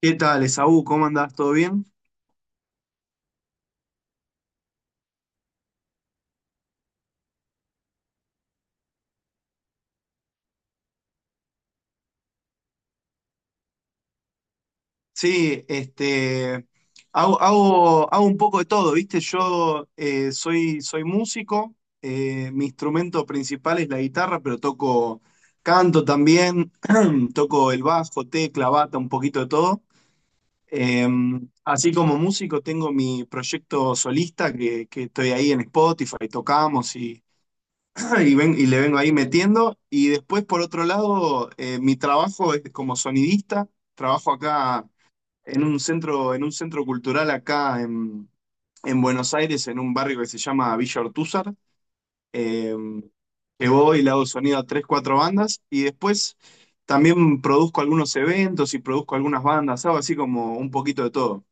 ¿Qué tal, Esaú? ¿Cómo andás? ¿Todo bien? Sí, hago un poco de todo, ¿viste? Yo soy músico, mi instrumento principal es la guitarra, pero toco, canto también, toco el bajo, tecla, bata, un poquito de todo. Eh, Así como músico tengo mi proyecto solista que estoy ahí en Spotify, tocamos y, y le vengo ahí metiendo. Y después, por otro lado, mi trabajo es como sonidista. Trabajo acá en un centro cultural en Buenos Aires, en un barrio que se llama Villa Ortúzar. Eh, que voy y le hago sonido a tres, cuatro bandas. Y después también produzco algunos eventos y produzco algunas bandas. Hago así como un poquito de todo.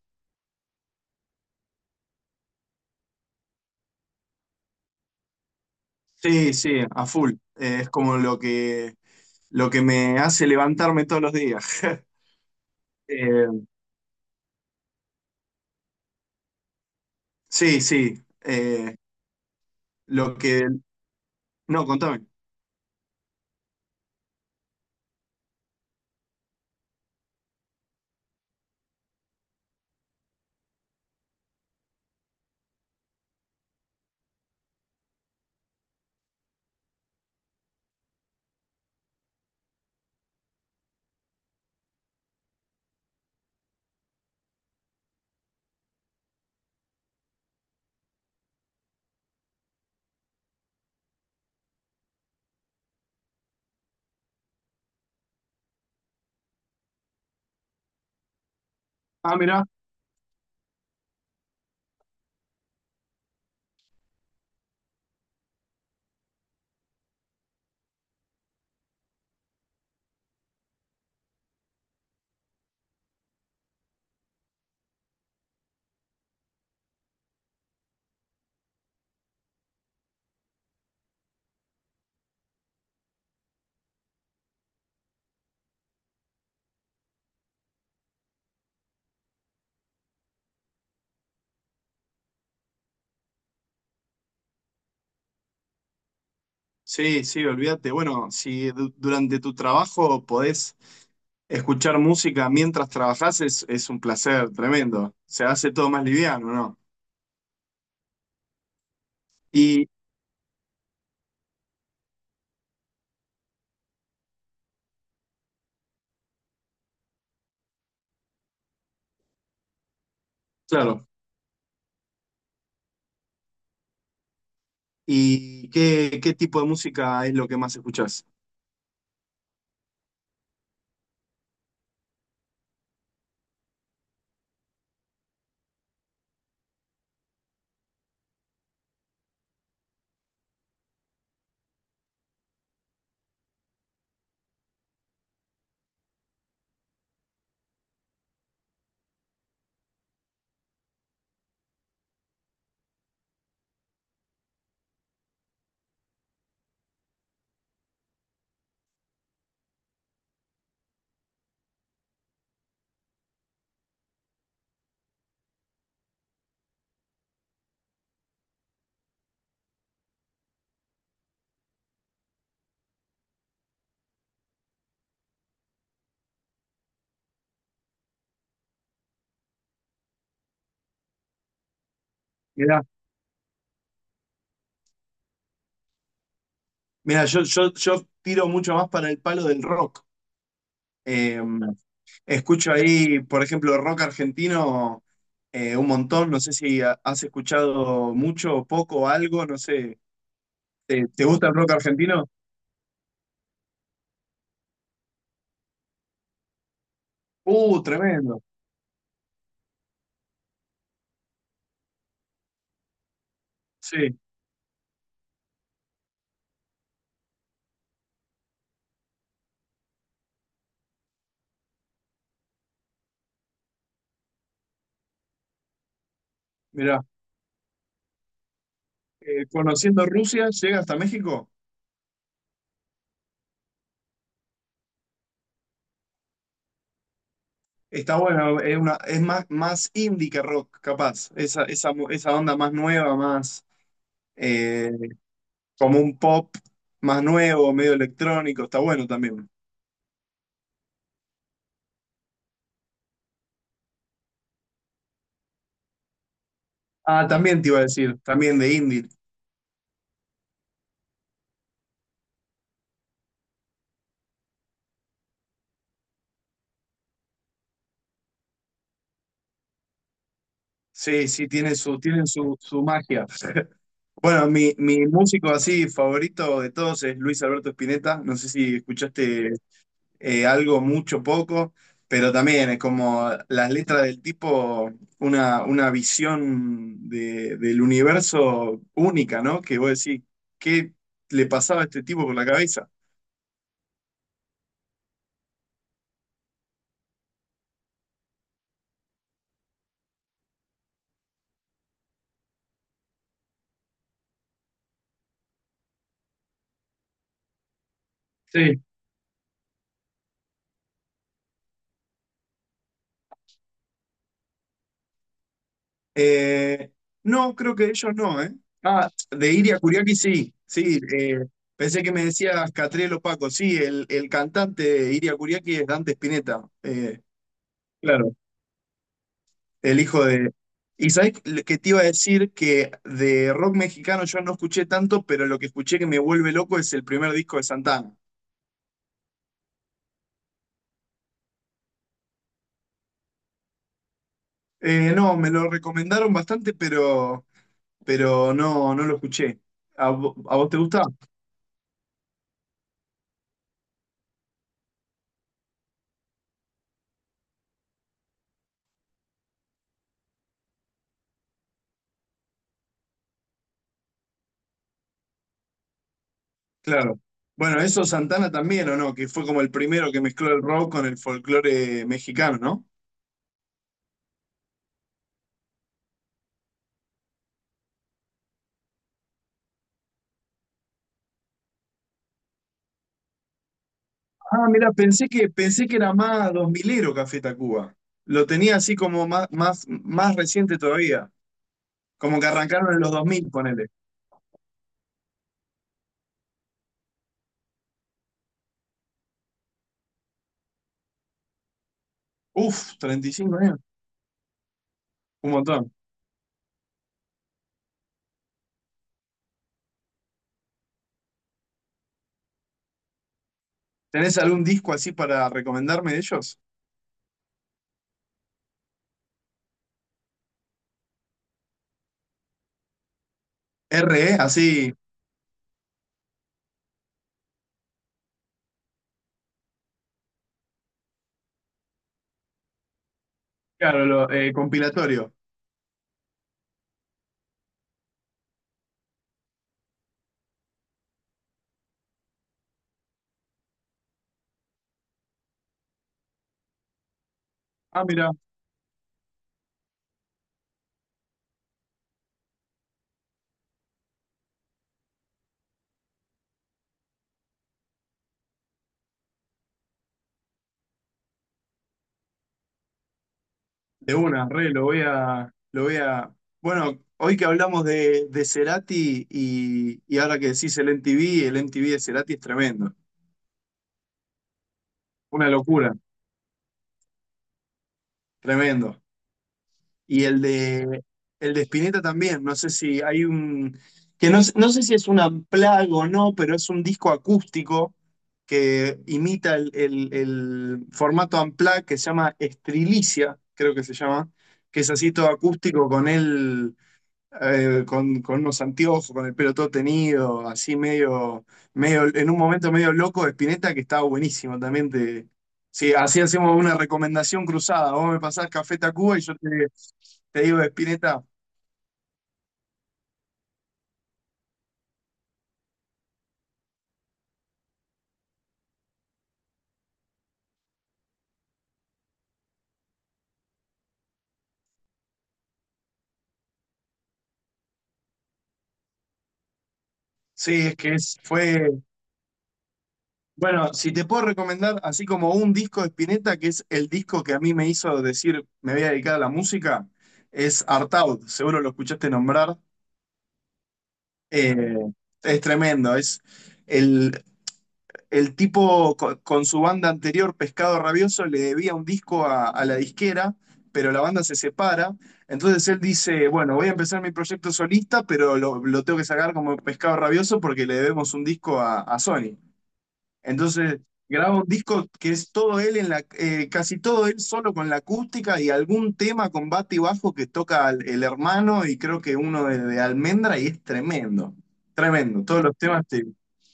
Sí, sí, a full. Es como lo que me hace levantarme todos los días. Eh, Sí, sí. Lo que... No, contame. Ah, mira. Sí, sí, olvídate. Bueno, si durante tu trabajo podés escuchar música mientras trabajás, es un placer tremendo. Se hace todo más liviano, ¿no? Y, claro, ¿y qué tipo de música es lo que más escuchás? Mira, mira, yo tiro mucho más para el palo del rock. Eh, Escucho ahí, por ejemplo, rock argentino, un montón. No sé si has escuchado mucho o poco o algo, no sé. Te gusta el rock argentino? Tremendo. Sí, mirá. Conociendo Rusia, llega hasta México. Está bueno, es más, más indie que rock, capaz. Esa onda más nueva, más, eh, como un pop más nuevo, medio electrónico. Está bueno también. Ah, también te iba a decir, también de indie. Sí, sí, tiene tienen su magia. Bueno, mi músico así favorito de todos es Luis Alberto Spinetta. No sé si escuchaste algo, mucho, poco, pero también es como las letras del tipo, una visión del universo única, ¿no? Que vos decís, ¿qué le pasaba a este tipo por la cabeza? Eh, no, creo que ellos no, ¿eh? Ah, de Iria Kuriaki sí, sí. Pensé que me decías Catriel o Paco. Sí, el cantante de Iria Kuriaki es Dante Spinetta. Claro, el hijo de... Y sabés que te iba a decir que de rock mexicano yo no escuché tanto, pero lo que escuché que me vuelve loco es el primer disco de Santana. No, me lo recomendaron bastante, pero no, no lo escuché. ¿A, a vos te gusta? Claro. Bueno, eso Santana también, ¿o no? Que fue como el primero que mezcló el rock con el folclore mexicano, ¿no? Ah, mira, pensé que era más dos milero Café Tacuba. Lo tenía así como más reciente todavía. Como que arrancaron en los dos mil, ponele. Uf, 35 años. Un montón. ¿Tenés algún disco así para recomendarme de ellos? RE, así, claro, lo, compilatorio. Ah, mira. De una, re, lo voy a. Bueno, hoy que hablamos de Cerati y ahora que decís el MTV, el MTV de Cerati es tremendo. Una locura, tremendo. Y el de Spinetta también, no sé si hay un. Que no, no sé si es un unplugged o no, pero es un disco acústico que imita el formato unplugged que se llama Estrilicia, creo que se llama, que es así todo acústico con él, con unos anteojos, con el pelo todo tenido, así en un momento medio loco de Spinetta que estaba buenísimo también. Sí, así hacemos una recomendación cruzada. Vos me pasás Café Tacuba y yo te digo de Spinetta. Sí, es que fue. Bueno, si te puedo recomendar, así como un disco de Spinetta, que es el disco que a mí me hizo decir me voy a dedicar a la música, es Art Out, seguro lo escuchaste nombrar. Eh, es tremendo, es el el tipo su banda anterior, Pescado Rabioso, le debía un disco a la disquera, pero la banda se separa. Entonces él dice, bueno, voy a empezar mi proyecto solista, pero lo tengo que sacar como Pescado Rabioso porque le debemos un disco a Sony. Entonces graba un disco que es todo él en casi todo él solo con la acústica y algún tema con bate y bajo que toca el hermano y creo que uno de Almendra y es tremendo, tremendo. Todos los temas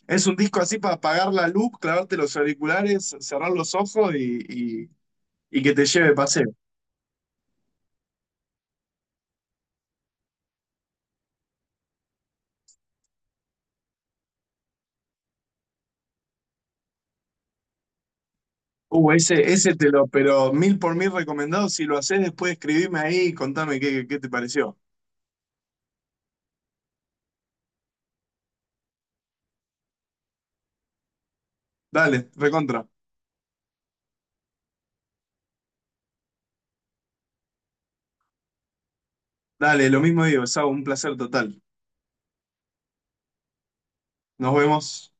es un disco así para apagar la luz, clavarte los auriculares, cerrar los ojos y, y- y que te lleve paseo. Ese te lo, pero mil por mil recomendado. Si lo haces después, escribime ahí y contame qué te pareció. Dale, recontra. Dale, lo mismo digo, Sau, un placer total. Nos vemos.